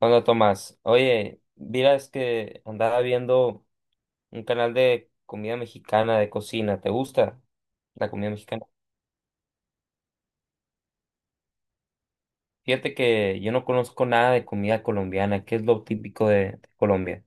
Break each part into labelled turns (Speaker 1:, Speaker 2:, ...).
Speaker 1: Hola Tomás, oye, miras que andaba viendo un canal de comida mexicana, de cocina, ¿te gusta la comida mexicana? Fíjate que yo no conozco nada de comida colombiana, ¿qué es lo típico de Colombia?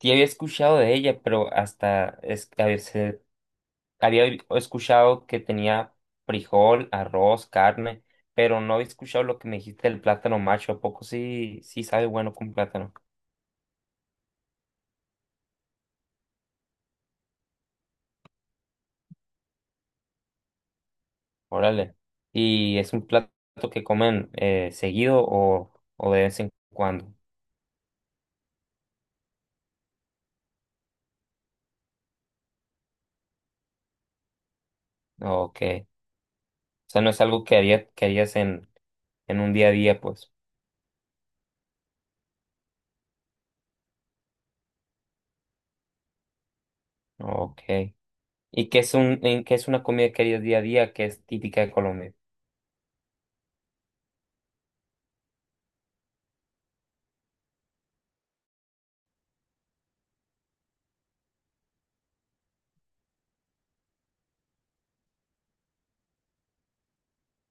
Speaker 1: Sí había escuchado de ella, pero hasta es, a veces había escuchado que tenía frijol, arroz, carne, pero no había escuchado lo que me dijiste del plátano macho, ¿a poco sí, sí sabe bueno con plátano? Órale. ¿Y es un plato que comen seguido o de vez en cuando? Ok. O sea, no es algo que haría, que harías en un día a día, pues. Ok. ¿Y qué es una comida que harías día a día que es típica de Colombia?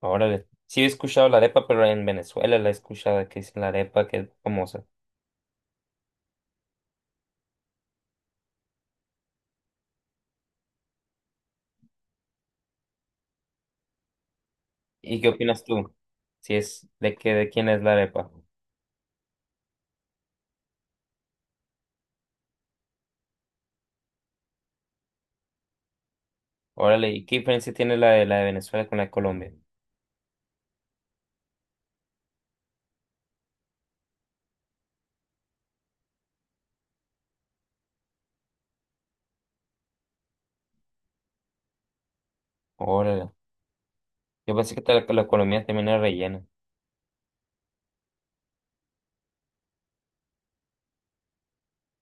Speaker 1: Órale. Sí he escuchado la arepa, pero en Venezuela la he escuchado que es la arepa que es famosa. ¿Y qué opinas tú? Si es de que de quién es la arepa. Órale, ¿y qué diferencia tiene la de Venezuela con la de Colombia? Órale. Yo pensé que la economía también era rellena.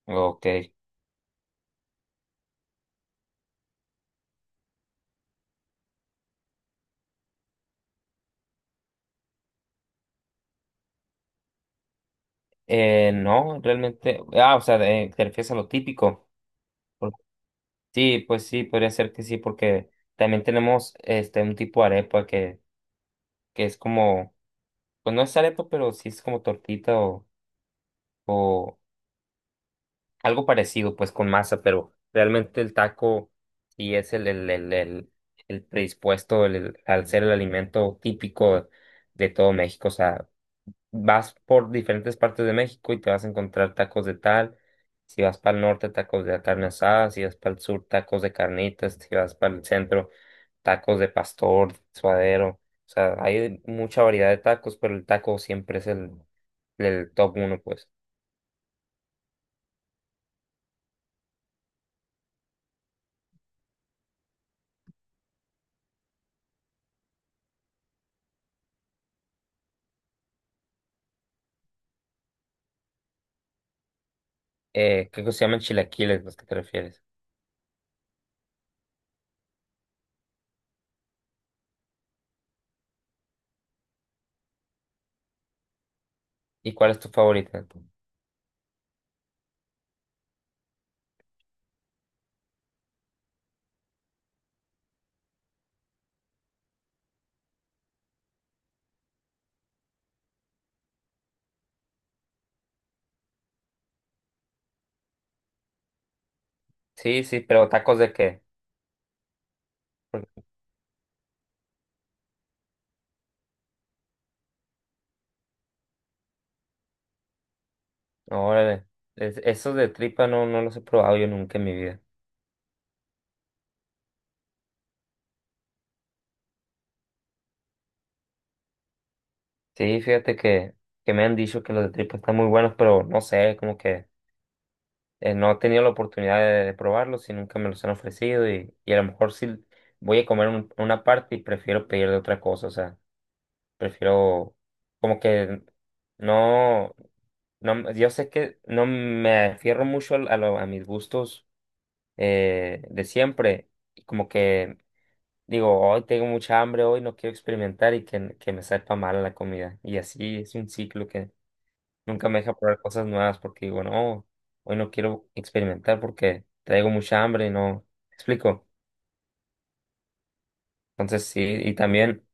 Speaker 1: Ok. No, realmente. Ah, o sea, te refieres a lo típico. Por- Sí, pues sí, podría ser que sí, porque también tenemos este un tipo de arepa que es como, pues no es arepa, pero sí es como tortita o algo parecido, pues con masa, pero realmente el taco sí es el predispuesto al ser el alimento típico de todo México. O sea, vas por diferentes partes de México y te vas a encontrar tacos de tal, si vas para el norte, tacos de carne asada, si vas para el sur, tacos de carnitas, si vas para el centro, tacos de pastor, suadero, o sea, hay mucha variedad de tacos, pero el taco siempre es el top uno, pues. Creo que se llaman chilaquiles los que te refieres. ¿Y cuál es tu favorita? Sí, sí, ¿pero tacos de qué? Órale, esos de tripa no, no los he probado yo nunca en mi vida. Sí, fíjate que me han dicho que los de tripa están muy buenos, pero no sé, como que no he tenido la oportunidad de probarlos y nunca me los han ofrecido y a lo mejor sí voy a comer una parte y prefiero pedir de otra cosa, o sea, prefiero como que no, no, yo sé que no me afierro mucho a mis gustos de siempre y como que digo, hoy tengo mucha hambre, hoy no quiero experimentar y que me sepa mal la comida y así es un ciclo. Nunca me deja probar cosas nuevas porque digo, no, hoy no quiero experimentar porque traigo mucha hambre y no. ¿Me explico? Entonces sí, y también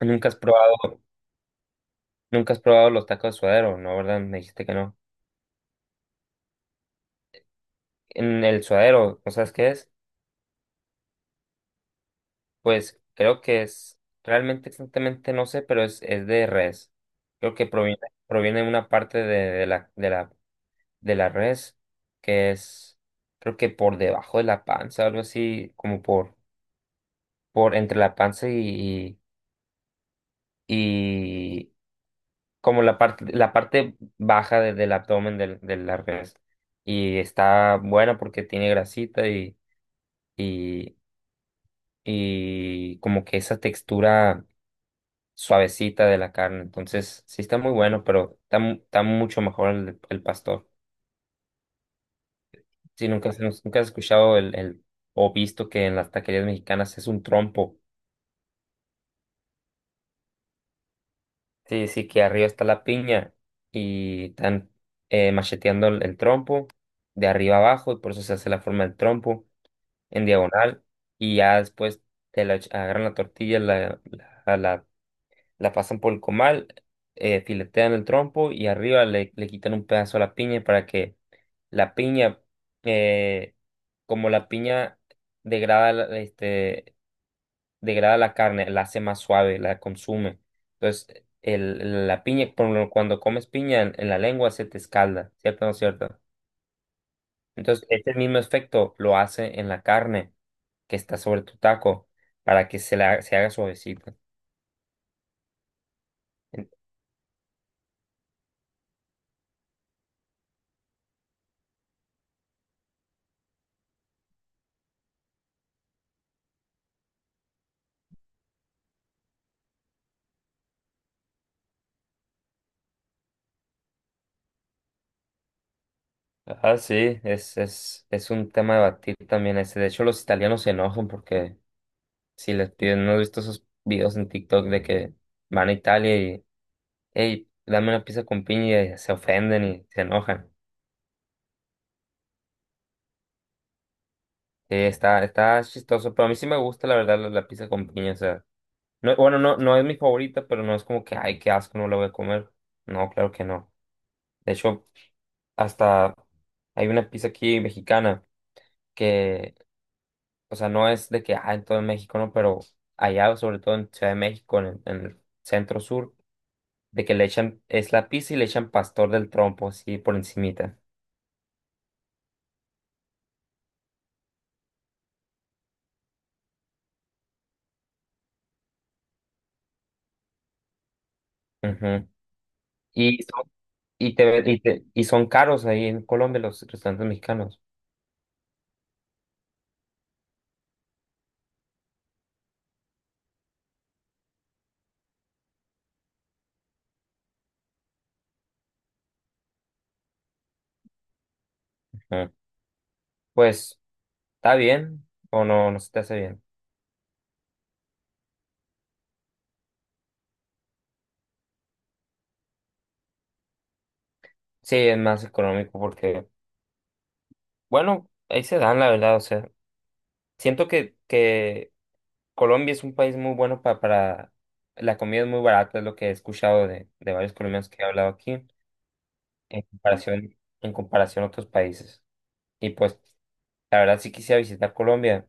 Speaker 1: nunca has probado, nunca has probado los tacos de suadero, ¿no? ¿Verdad? Me dijiste que no. En el suadero, ¿no sabes qué es? Pues creo que es, realmente exactamente no sé, pero es de res. Creo que proviene de una parte de la res que es, creo que por debajo de la panza, algo así, como por entre la panza y como la parte baja del abdomen del la. Y está buena porque tiene grasita y, y como que esa textura suavecita de la carne. Entonces, sí está muy bueno, pero está mucho mejor el pastor. Si nunca has escuchado o visto que en las taquerías mexicanas es un trompo. Sí, sí, que arriba está la piña y están macheteando el trompo de arriba abajo, y por eso se hace la forma del trompo en diagonal y ya después agarran la tortilla, la, la, la pasan por el comal, filetean el trompo y arriba le quitan un pedazo a la piña para que la piña, eh, como la piña degrada la- este, degrada la carne, la hace más suave, la consume. Entonces, la piña, cuando comes piña en la lengua se te escalda, ¿cierto o no cierto? Entonces, este mismo efecto lo hace en la carne que está sobre tu taco para que se haga suavecita. En- Ah, sí, es un tema de batir también ese. De hecho, los italianos se enojan porque si les piden, ¿no has visto esos videos en TikTok de que van a Italia y, hey, dame una pizza con piña y se ofenden y se enojan? Sí, está chistoso, pero a mí sí me gusta la verdad la pizza con piña, o sea, no, bueno, no es mi favorita, pero no es como que, ay, qué asco, no la voy a comer. No, claro que no. De hecho, hasta hay una pizza aquí mexicana que, o sea, no es de que, ah, en todo México, no, pero allá, sobre todo en Ciudad de México, en el centro sur, de que le echan, es la pizza y le echan pastor del trompo, así por encimita. Ujú. Y son, y te, y te- y son caros ahí en Colombia los restaurantes mexicanos. Ujú. Pues, ¿está bien o no, no se te hace bien? Sí, es más económico porque, bueno, ahí se dan, la verdad, o sea, siento que Colombia es un país muy bueno para, la comida es muy barata, es lo que he escuchado de varios colombianos que he hablado aquí, en comparación, en comparación a otros países. Y pues, la verdad sí quisiera visitar Colombia,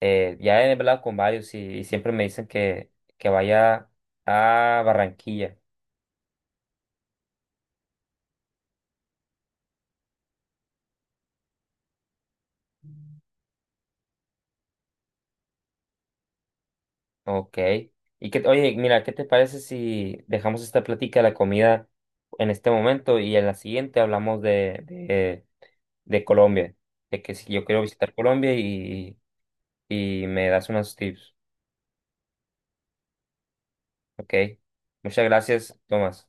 Speaker 1: Eh, Ya he hablado con varios y siempre me dicen que vaya a Barranquilla. Ok. Y que, oye, mira, ¿qué te parece si dejamos esta plática de la comida en este momento y en la siguiente hablamos de Colombia? De que si yo quiero visitar Colombia y me das unos tips. Ok. Muchas gracias, Tomás.